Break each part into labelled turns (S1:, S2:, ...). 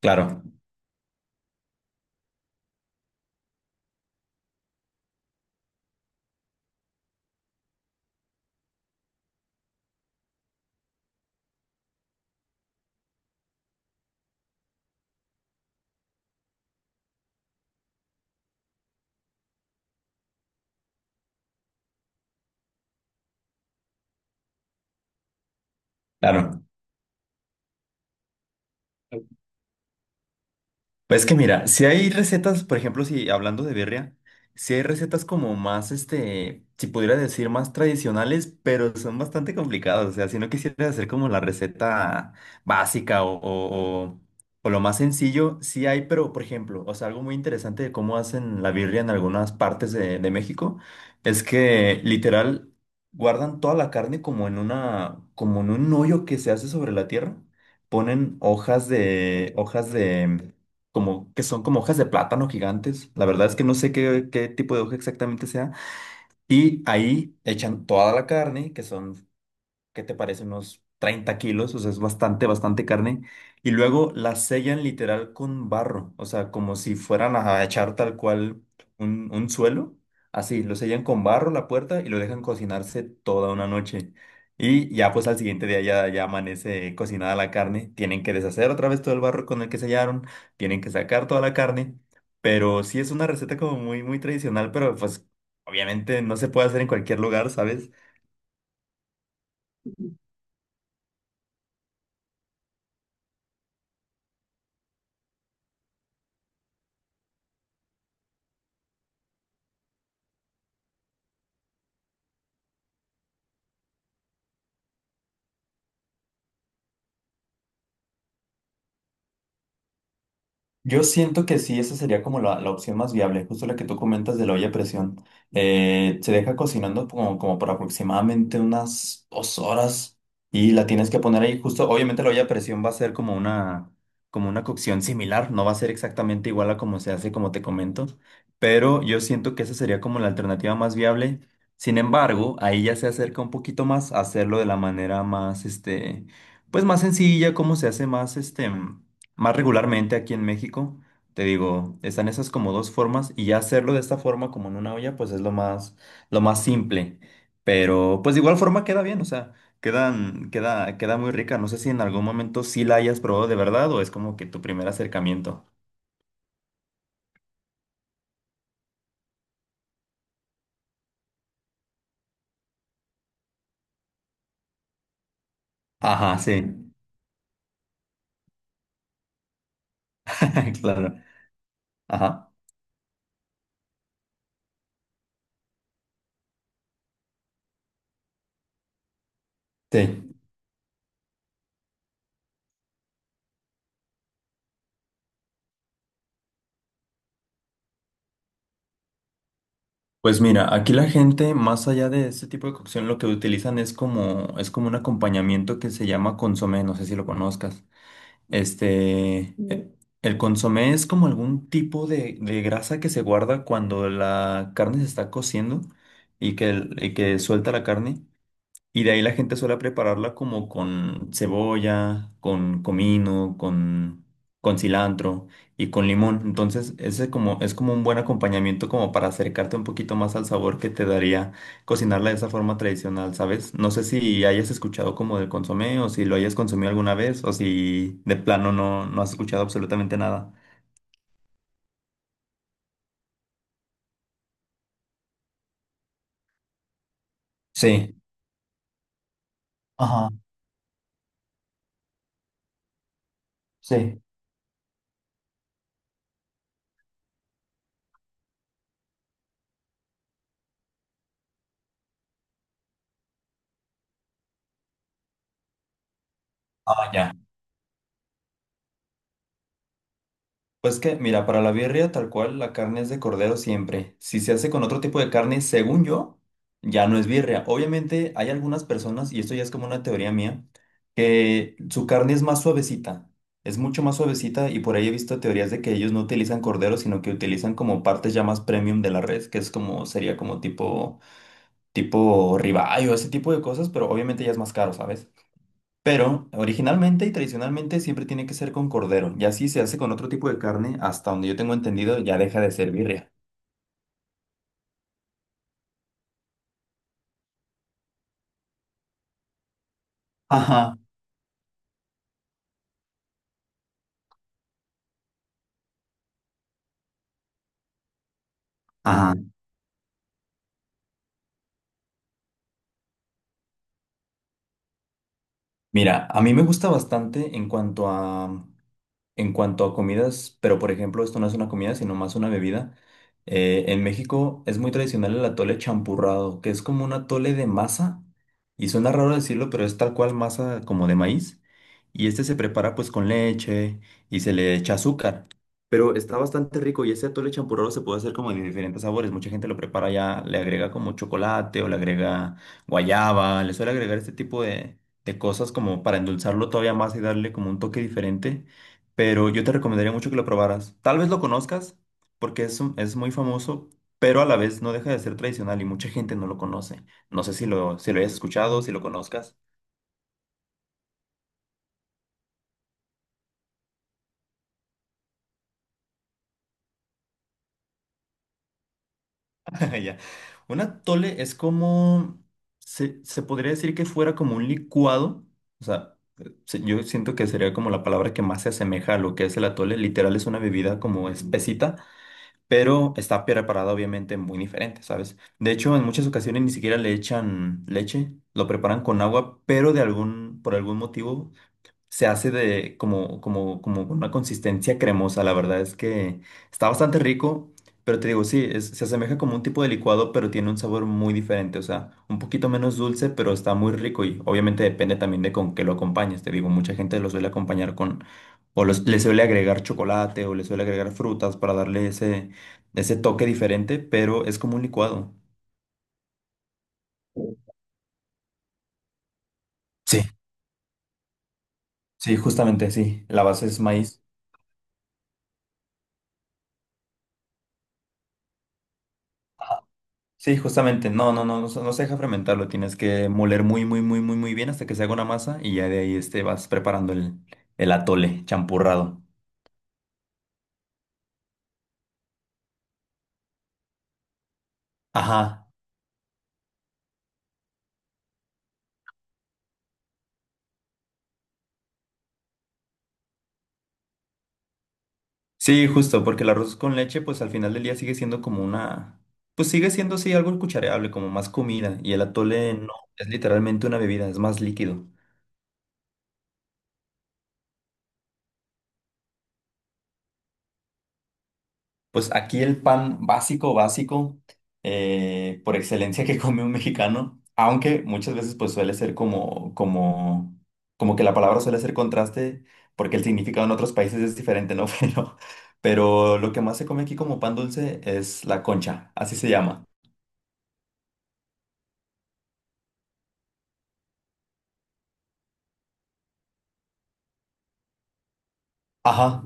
S1: Claro, claro. Pues que mira, si hay recetas, por ejemplo, si hablando de birria, si hay recetas como más, este, si pudiera decir más tradicionales, pero son bastante complicadas. O sea, si no quisieras hacer como la receta básica o- o lo más sencillo, sí hay, pero por ejemplo, o sea, algo muy interesante de cómo hacen la birria en algunas partes de México es que literal guardan toda la carne como en una, como en un hoyo que se hace sobre la tierra. Ponen hojas de, como que son como hojas de plátano gigantes. La verdad es que no sé qué, qué tipo de hoja exactamente sea. Y ahí echan toda la carne, que son ¿qué te parece? Unos 30 kilos, o sea, es bastante, bastante carne. Y luego la sellan literal con barro, o sea, como si fueran a echar tal cual un suelo. Así, lo sellan con barro la puerta y lo dejan cocinarse toda una noche. Y ya pues al siguiente día ya, ya amanece cocinada la carne. Tienen que deshacer otra vez todo el barro con el que sellaron. Tienen que sacar toda la carne. Pero sí es una receta como muy, muy tradicional, pero pues obviamente no se puede hacer en cualquier lugar, ¿sabes? Yo siento que sí, esa sería como la opción más viable, justo la que tú comentas de la olla a presión. Se deja cocinando como, como por aproximadamente unas 2 horas y la tienes que poner ahí justo. Obviamente la olla a presión va a ser como una cocción similar, no va a ser exactamente igual a como se hace, como te comento, pero yo siento que esa sería como la alternativa más viable. Sin embargo, ahí ya se acerca un poquito más a hacerlo de la manera más, este, pues más sencilla, como se hace más, este... Más regularmente aquí en México, te digo, están esas como 2 formas y ya hacerlo de esta forma como en una olla, pues es lo más simple. Pero pues de igual forma queda bien, o sea, quedan, queda, queda muy rica. No sé si en algún momento sí la hayas probado de verdad o es como que tu primer acercamiento. Ajá, sí, claro. Ajá, sí. Pues mira, aquí la gente, más allá de este tipo de cocción, lo que utilizan es como un acompañamiento que se llama consomé, no sé si lo conozcas. Este, e- el consomé es como algún tipo de grasa que se guarda cuando la carne se está cociendo y que suelta la carne. Y de ahí la gente suele prepararla como con cebolla, con comino, con cilantro y con limón. Entonces, ese como, es como un buen acompañamiento como para acercarte un poquito más al sabor que te daría cocinarla de esa forma tradicional, ¿sabes? No sé si hayas escuchado como del consomé o si lo hayas consumido alguna vez o si de plano no, no has escuchado absolutamente nada. Sí. Ajá, sí. Ah, ya. Pues que, mira, para la birria tal cual la carne es de cordero siempre. Si se hace con otro tipo de carne, según yo, ya no es birria. Obviamente hay algunas personas, y esto ya es como una teoría mía, que su carne es más suavecita, es mucho más suavecita y por ahí he visto teorías de que ellos no utilizan cordero, sino que utilizan como partes ya más premium de la red, que es como, sería como tipo, tipo ribeye o ese tipo de cosas, pero obviamente ya es más caro, ¿sabes? Pero originalmente y tradicionalmente siempre tiene que ser con cordero. Y así se hace con otro tipo de carne, hasta donde yo tengo entendido, ya deja de ser birria. Ajá. Ajá. Mira, a mí me gusta bastante en cuanto a en cuanto a comidas, pero por ejemplo, esto no es una comida, sino más una bebida. En México es muy tradicional el atole champurrado, que es como un atole de masa, y suena raro decirlo, pero es tal cual masa como de maíz, y este se prepara pues con leche y se le echa azúcar, pero está bastante rico y ese atole champurrado se puede hacer como de diferentes sabores, mucha gente lo prepara ya, le agrega como chocolate o le agrega guayaba, le suele agregar este tipo de cosas como para endulzarlo todavía más y darle como un toque diferente, pero yo te recomendaría mucho que lo probaras. Tal vez lo conozcas porque es muy famoso, pero a la vez no deja de ser tradicional y mucha gente no lo conoce. No sé si lo, si lo hayas escuchado, si lo conozcas. Ya. Un atole es como, se podría decir que fuera como un licuado, o sea, yo siento que sería como la palabra que más se asemeja a lo que es el atole. Literal es una bebida como espesita, pero está preparado obviamente muy diferente, ¿sabes? De hecho, en muchas ocasiones ni siquiera le echan leche, lo preparan con agua, pero de algún, por algún motivo se hace de como, como, como con una consistencia cremosa. La verdad es que está bastante rico, pero te digo, sí, se asemeja como un tipo de licuado, pero tiene un sabor muy diferente. O sea, un poquito menos dulce, pero está muy rico y obviamente depende también de con qué lo acompañes. Te digo, mucha gente lo suele acompañar con, o los, le suele agregar chocolate o le suele agregar frutas para darle ese, ese toque diferente, pero es como un licuado. Sí. Sí, justamente, sí. La base es maíz. Sí, justamente, no, no, no, no, se no se deja fermentar, lo tienes que moler muy, muy, muy, muy, muy bien hasta que se haga una masa y ya de ahí este, vas preparando el atole champurrado. Ajá, sí, justo, porque el arroz con leche, pues al final del día sigue siendo como una, pues sigue siendo, sí, algo cuchareable, como más comida, y el atole no, es literalmente una bebida, es más líquido. Pues aquí el pan básico, básico, por excelencia que come un mexicano, aunque muchas veces pues suele ser como, como, como que la palabra suele ser contraste, porque el significado en otros países es diferente, ¿no? Pero lo que más se come aquí como pan dulce es la concha, así se llama. Ajá.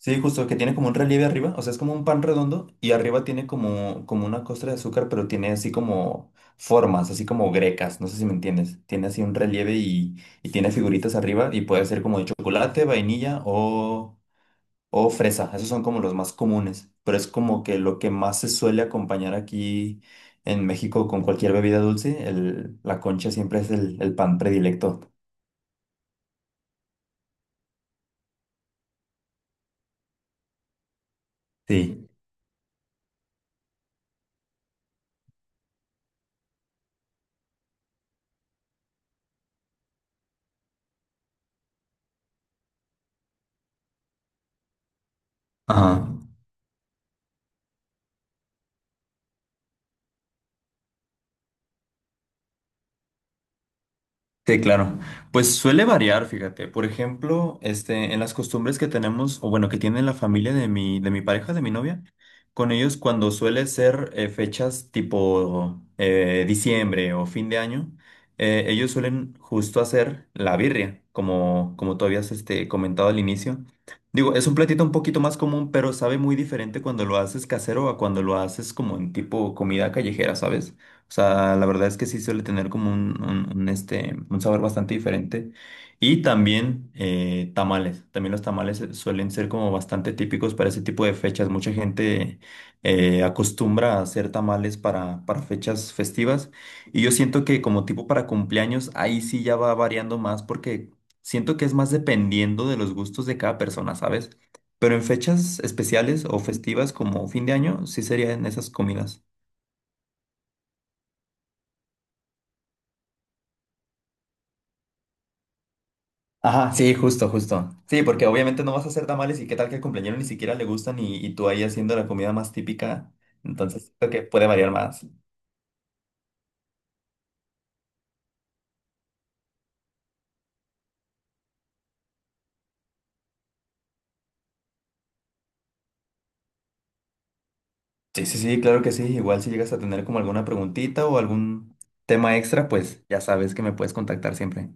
S1: Sí, justo que tiene como un relieve arriba, o sea, es como un pan redondo y arriba tiene como, como una costra de azúcar, pero tiene así como formas, así como grecas, no sé si me entiendes. Tiene así un relieve y tiene figuritas arriba y puede ser como de chocolate, vainilla o fresa. Esos son como los más comunes, pero es como que lo que más se suele acompañar aquí en México con cualquier bebida dulce, el, la concha siempre es el pan predilecto. Sí. Ajá. Sí, claro. Pues suele variar, fíjate. Por ejemplo, este, en las costumbres que tenemos, o bueno, que tiene la familia de mi pareja, de mi novia, con ellos cuando suele ser fechas tipo diciembre o fin de año, ellos suelen justo hacer la birria, como, como tú habías este, comentado al inicio. Digo, es un platito un poquito más común, pero sabe muy diferente cuando lo haces casero a cuando lo haces como en tipo comida callejera, ¿sabes? O sea, la verdad es que sí suele tener como un, este, un sabor bastante diferente. Y también tamales. También los tamales suelen ser como bastante típicos para ese tipo de fechas. Mucha gente acostumbra a hacer tamales para fechas festivas. Y yo siento que como tipo para cumpleaños, ahí sí ya va variando más porque siento que es más dependiendo de los gustos de cada persona, ¿sabes? Pero en fechas especiales o festivas como fin de año, sí serían esas comidas. Ajá, sí, justo, justo. Sí, porque obviamente no vas a hacer tamales y qué tal que al cumpleañero ni siquiera le gustan y tú ahí haciendo la comida más típica. Entonces, creo que puede variar más. Sí, sí, sí, claro que sí. Igual si llegas a tener como alguna preguntita o algún tema extra, pues ya sabes que me puedes contactar siempre.